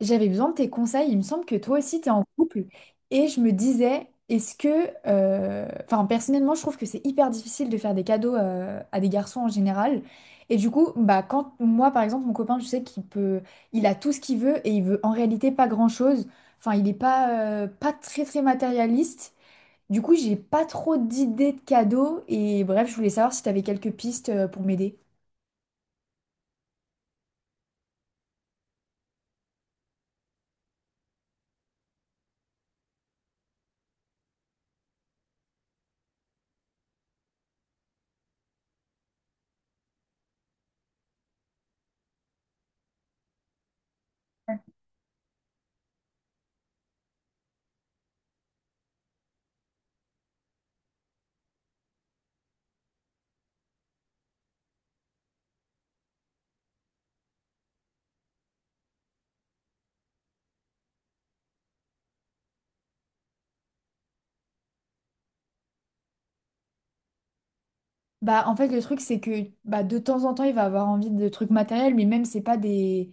J'avais besoin de tes conseils. Il me semble que toi aussi, tu es en couple. Et je me disais, Enfin, personnellement, je trouve que c'est hyper difficile de faire des cadeaux à des garçons en général. Et du coup, bah, quand moi, par exemple, mon copain, je sais qu'il peut... Il a tout ce qu'il veut et il veut en réalité pas grand-chose. Enfin, il n'est pas, pas très, très matérialiste. Du coup, j'ai pas trop d'idées de cadeaux. Et bref, je voulais savoir si tu avais quelques pistes pour m'aider. Bah, en fait, le truc, c'est que bah, de temps en temps, il va avoir envie de trucs matériels, mais même, c'est pas des,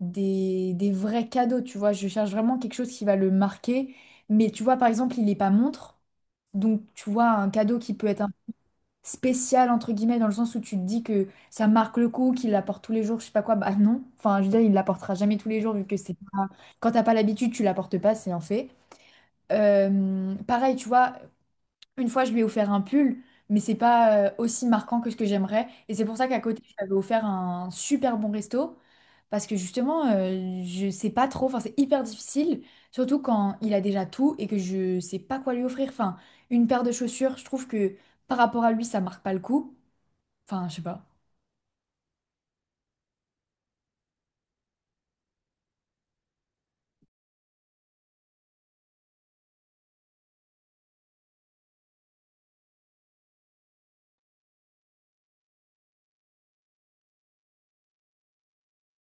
des, des vrais cadeaux, tu vois. Je cherche vraiment quelque chose qui va le marquer. Mais tu vois, par exemple, il n'est pas montre. Donc, tu vois, un cadeau qui peut être un spécial, entre guillemets, dans le sens où tu te dis que ça marque le coup, qu'il l'apporte tous les jours, je sais pas quoi. Bah non. Enfin, je veux dire, il l'apportera jamais tous les jours, vu que c'est pas... Quand t'as pas l'habitude, tu l'apportes pas, c'est un fait. Pareil, tu vois, une fois, je lui ai offert un pull, mais c'est pas aussi marquant que ce que j'aimerais. Et c'est pour ça qu'à côté, je lui avais offert un super bon resto. Parce que justement, je sais pas trop, enfin, c'est hyper difficile, surtout quand il a déjà tout et que je sais pas quoi lui offrir. Enfin, une paire de chaussures, je trouve que par rapport à lui, ça marque pas le coup. Enfin, je sais pas.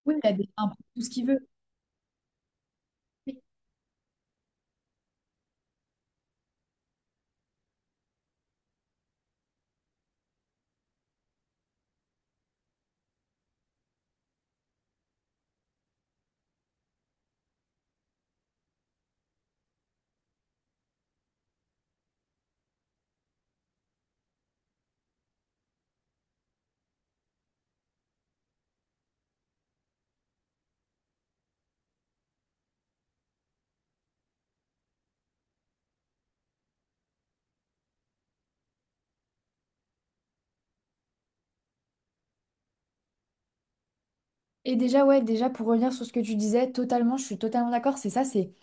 Oui, il a déjà un peu tout ce qu'il veut. Et déjà, ouais, déjà pour revenir sur ce que tu disais, totalement, je suis totalement d'accord, c'est ça, c'est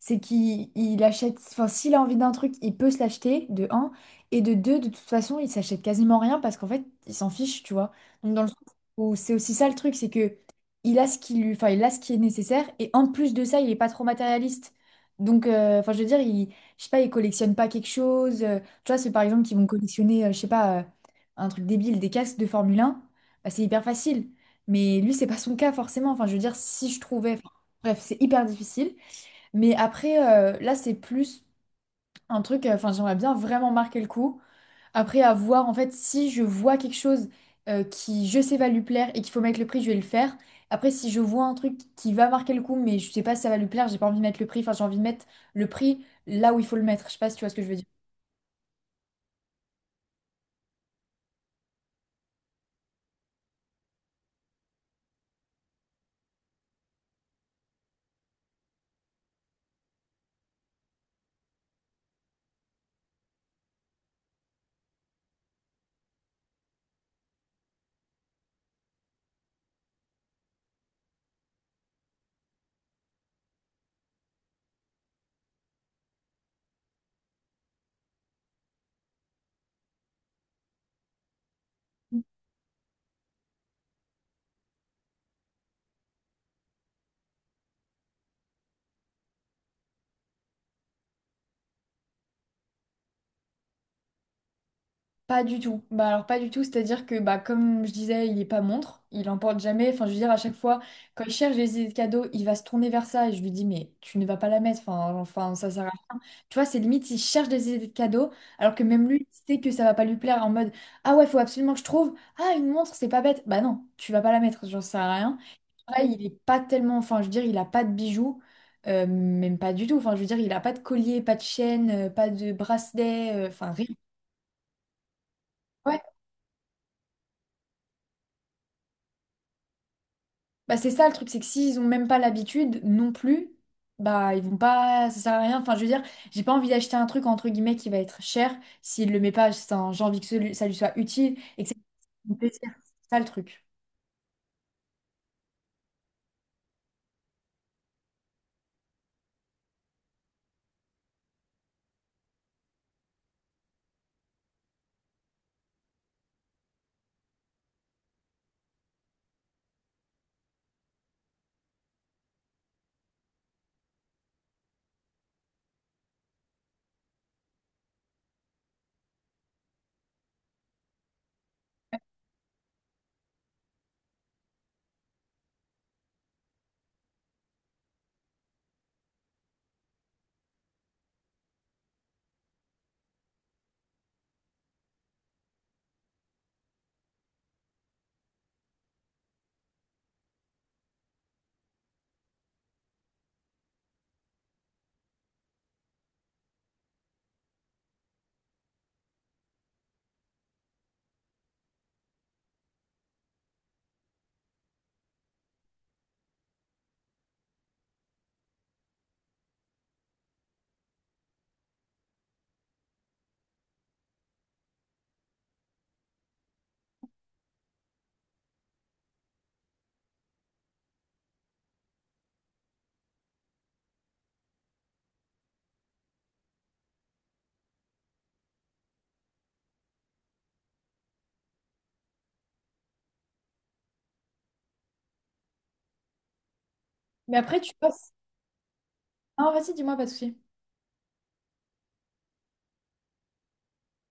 c'est qu'il achète, enfin s'il a envie d'un truc, il peut se l'acheter, de un, et de deux, de toute façon, il s'achète quasiment rien parce qu'en fait, il s'en fiche, tu vois. Donc dans le sens où c'est aussi ça le truc, c'est que il a ce qui lui, enfin il a ce qui est nécessaire, et en plus de ça, il est pas trop matérialiste. Donc, enfin je veux dire, je sais pas, il collectionne pas quelque chose, tu vois, c'est par exemple qu'ils vont collectionner, je sais pas, un truc débile, des casques de Formule un, bah, c'est hyper facile. Mais lui, c'est pas son cas forcément. Enfin, je veux dire, si je trouvais. Enfin, bref, c'est hyper difficile. Mais après, là, c'est plus un truc. Enfin, j'aimerais bien vraiment marquer le coup. Après, à voir, en fait, si je vois quelque chose qui, je sais, va lui plaire et qu'il faut mettre le prix, je vais le faire. Après, si je vois un truc qui va marquer le coup, mais je sais pas si ça va lui plaire, j'ai pas envie de mettre le prix. Enfin, j'ai envie de mettre le prix là où il faut le mettre. Je sais pas si tu vois ce que je veux dire. Pas du tout. Bah alors pas du tout, c'est-à-dire que bah comme je disais, il est pas montre, il en porte jamais. Enfin, je veux dire à chaque fois quand il cherche des idées de cadeaux, il va se tourner vers ça et je lui dis mais tu ne vas pas la mettre. Enfin, ça sert à... Tu vois, c'est limite il cherche des idées de cadeaux alors que même lui il sait que ça va pas lui plaire en mode ah ouais, faut absolument que je trouve ah une montre, c'est pas bête. Bah non, tu vas pas la mettre, j'en sers à rien. Pareil, il est pas tellement enfin je veux dire, il a pas de bijoux. Même pas du tout. Enfin, je veux dire, il a pas de collier, pas de chaîne, pas de bracelet, enfin rien. Ouais. Bah c'est ça le truc, c'est que s'ils ont même pas l'habitude non plus, bah ils vont pas, ça sert à rien. Enfin je veux dire, j'ai pas envie d'acheter un truc entre guillemets qui va être cher s'il le met pas, enfin, j'ai envie que ça lui soit utile et que ça lui fasse plaisir. C'est ça le truc. Mais après tu passes. Ah vas-y, dis-moi pas de souci.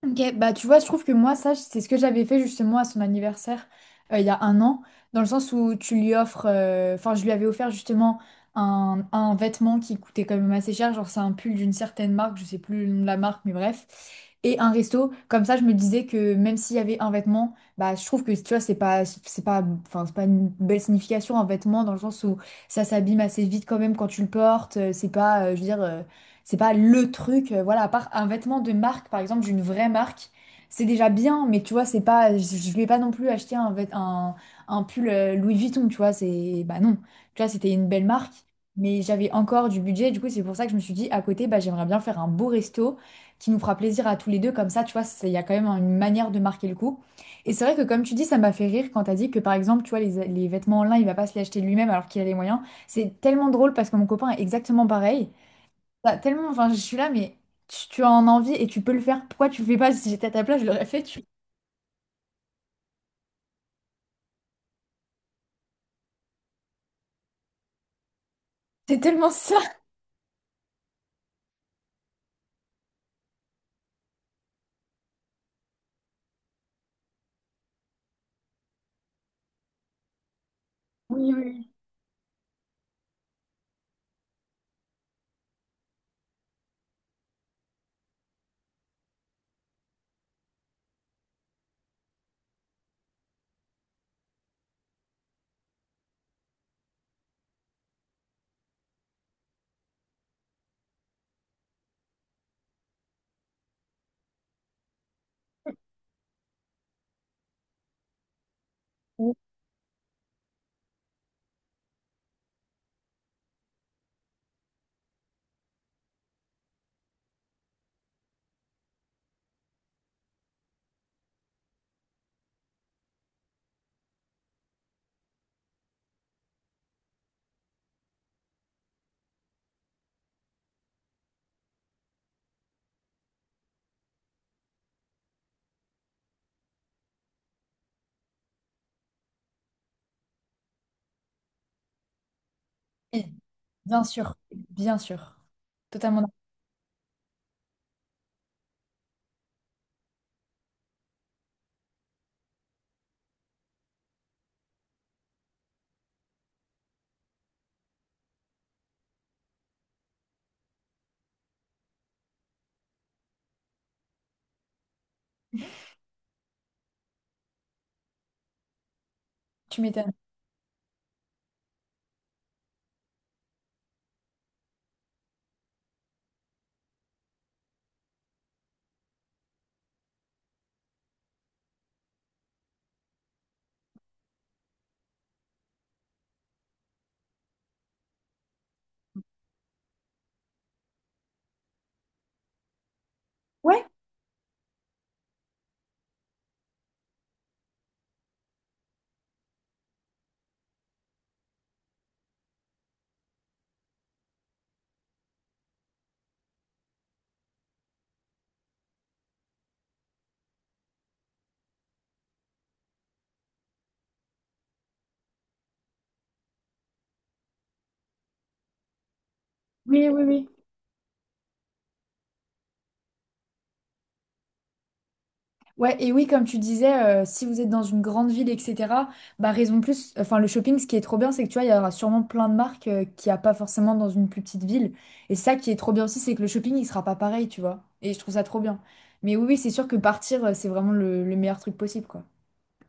Ok, bah tu vois, je trouve que moi, ça, c'est ce que j'avais fait justement à son anniversaire il y a un an, dans le sens où tu lui offres, enfin, je lui avais offert justement un vêtement qui coûtait quand même assez cher, genre c'est un pull d'une certaine marque, je sais plus le nom de la marque, mais bref, et un resto. Comme ça, je me disais que même s'il y avait un vêtement, bah je trouve que tu vois, c'est pas, enfin, c'est pas une belle signification un vêtement, dans le sens où ça s'abîme assez vite quand même quand tu le portes, c'est pas, je veux dire. C'est pas le truc, voilà, à part un vêtement de marque, par exemple, d'une vraie marque, c'est déjà bien, mais tu vois, c'est pas, je vais pas non plus acheter un pull Louis Vuitton, tu vois, c'est, bah non, tu vois, c'était une belle marque, mais j'avais encore du budget, du coup, c'est pour ça que je me suis dit, à côté, bah, j'aimerais bien faire un beau resto qui nous fera plaisir à tous les deux, comme ça, tu vois, il y a quand même une manière de marquer le coup. Et c'est vrai que, comme tu dis, ça m'a fait rire quand t'as dit que, par exemple, tu vois, les vêtements en lin, il va pas se les acheter lui-même alors qu'il a les moyens. C'est tellement drôle parce que mon copain est exactement pareil. Bah, tellement, enfin, je suis là, mais tu en as envie et tu peux le faire. Pourquoi tu le fais pas? Si j'étais à ta place, je l'aurais fait. Tu... C'est tellement ça. Oui, oui, oui. Bien sûr, bien sûr. Totalement d'accord. Tu m'étonnes. Ouais, oui, oui, oui. Ouais, et oui, comme tu disais, si vous êtes dans une grande ville, etc., bah raison de plus, enfin le shopping, ce qui est trop bien, c'est que tu vois, il y aura sûrement plein de marques qu'il n'y a pas forcément dans une plus petite ville. Et ça qui est trop bien aussi, c'est que le shopping, il sera pas pareil, tu vois. Et je trouve ça trop bien. Mais oui, oui, c'est sûr que partir, c'est vraiment le meilleur truc possible, quoi.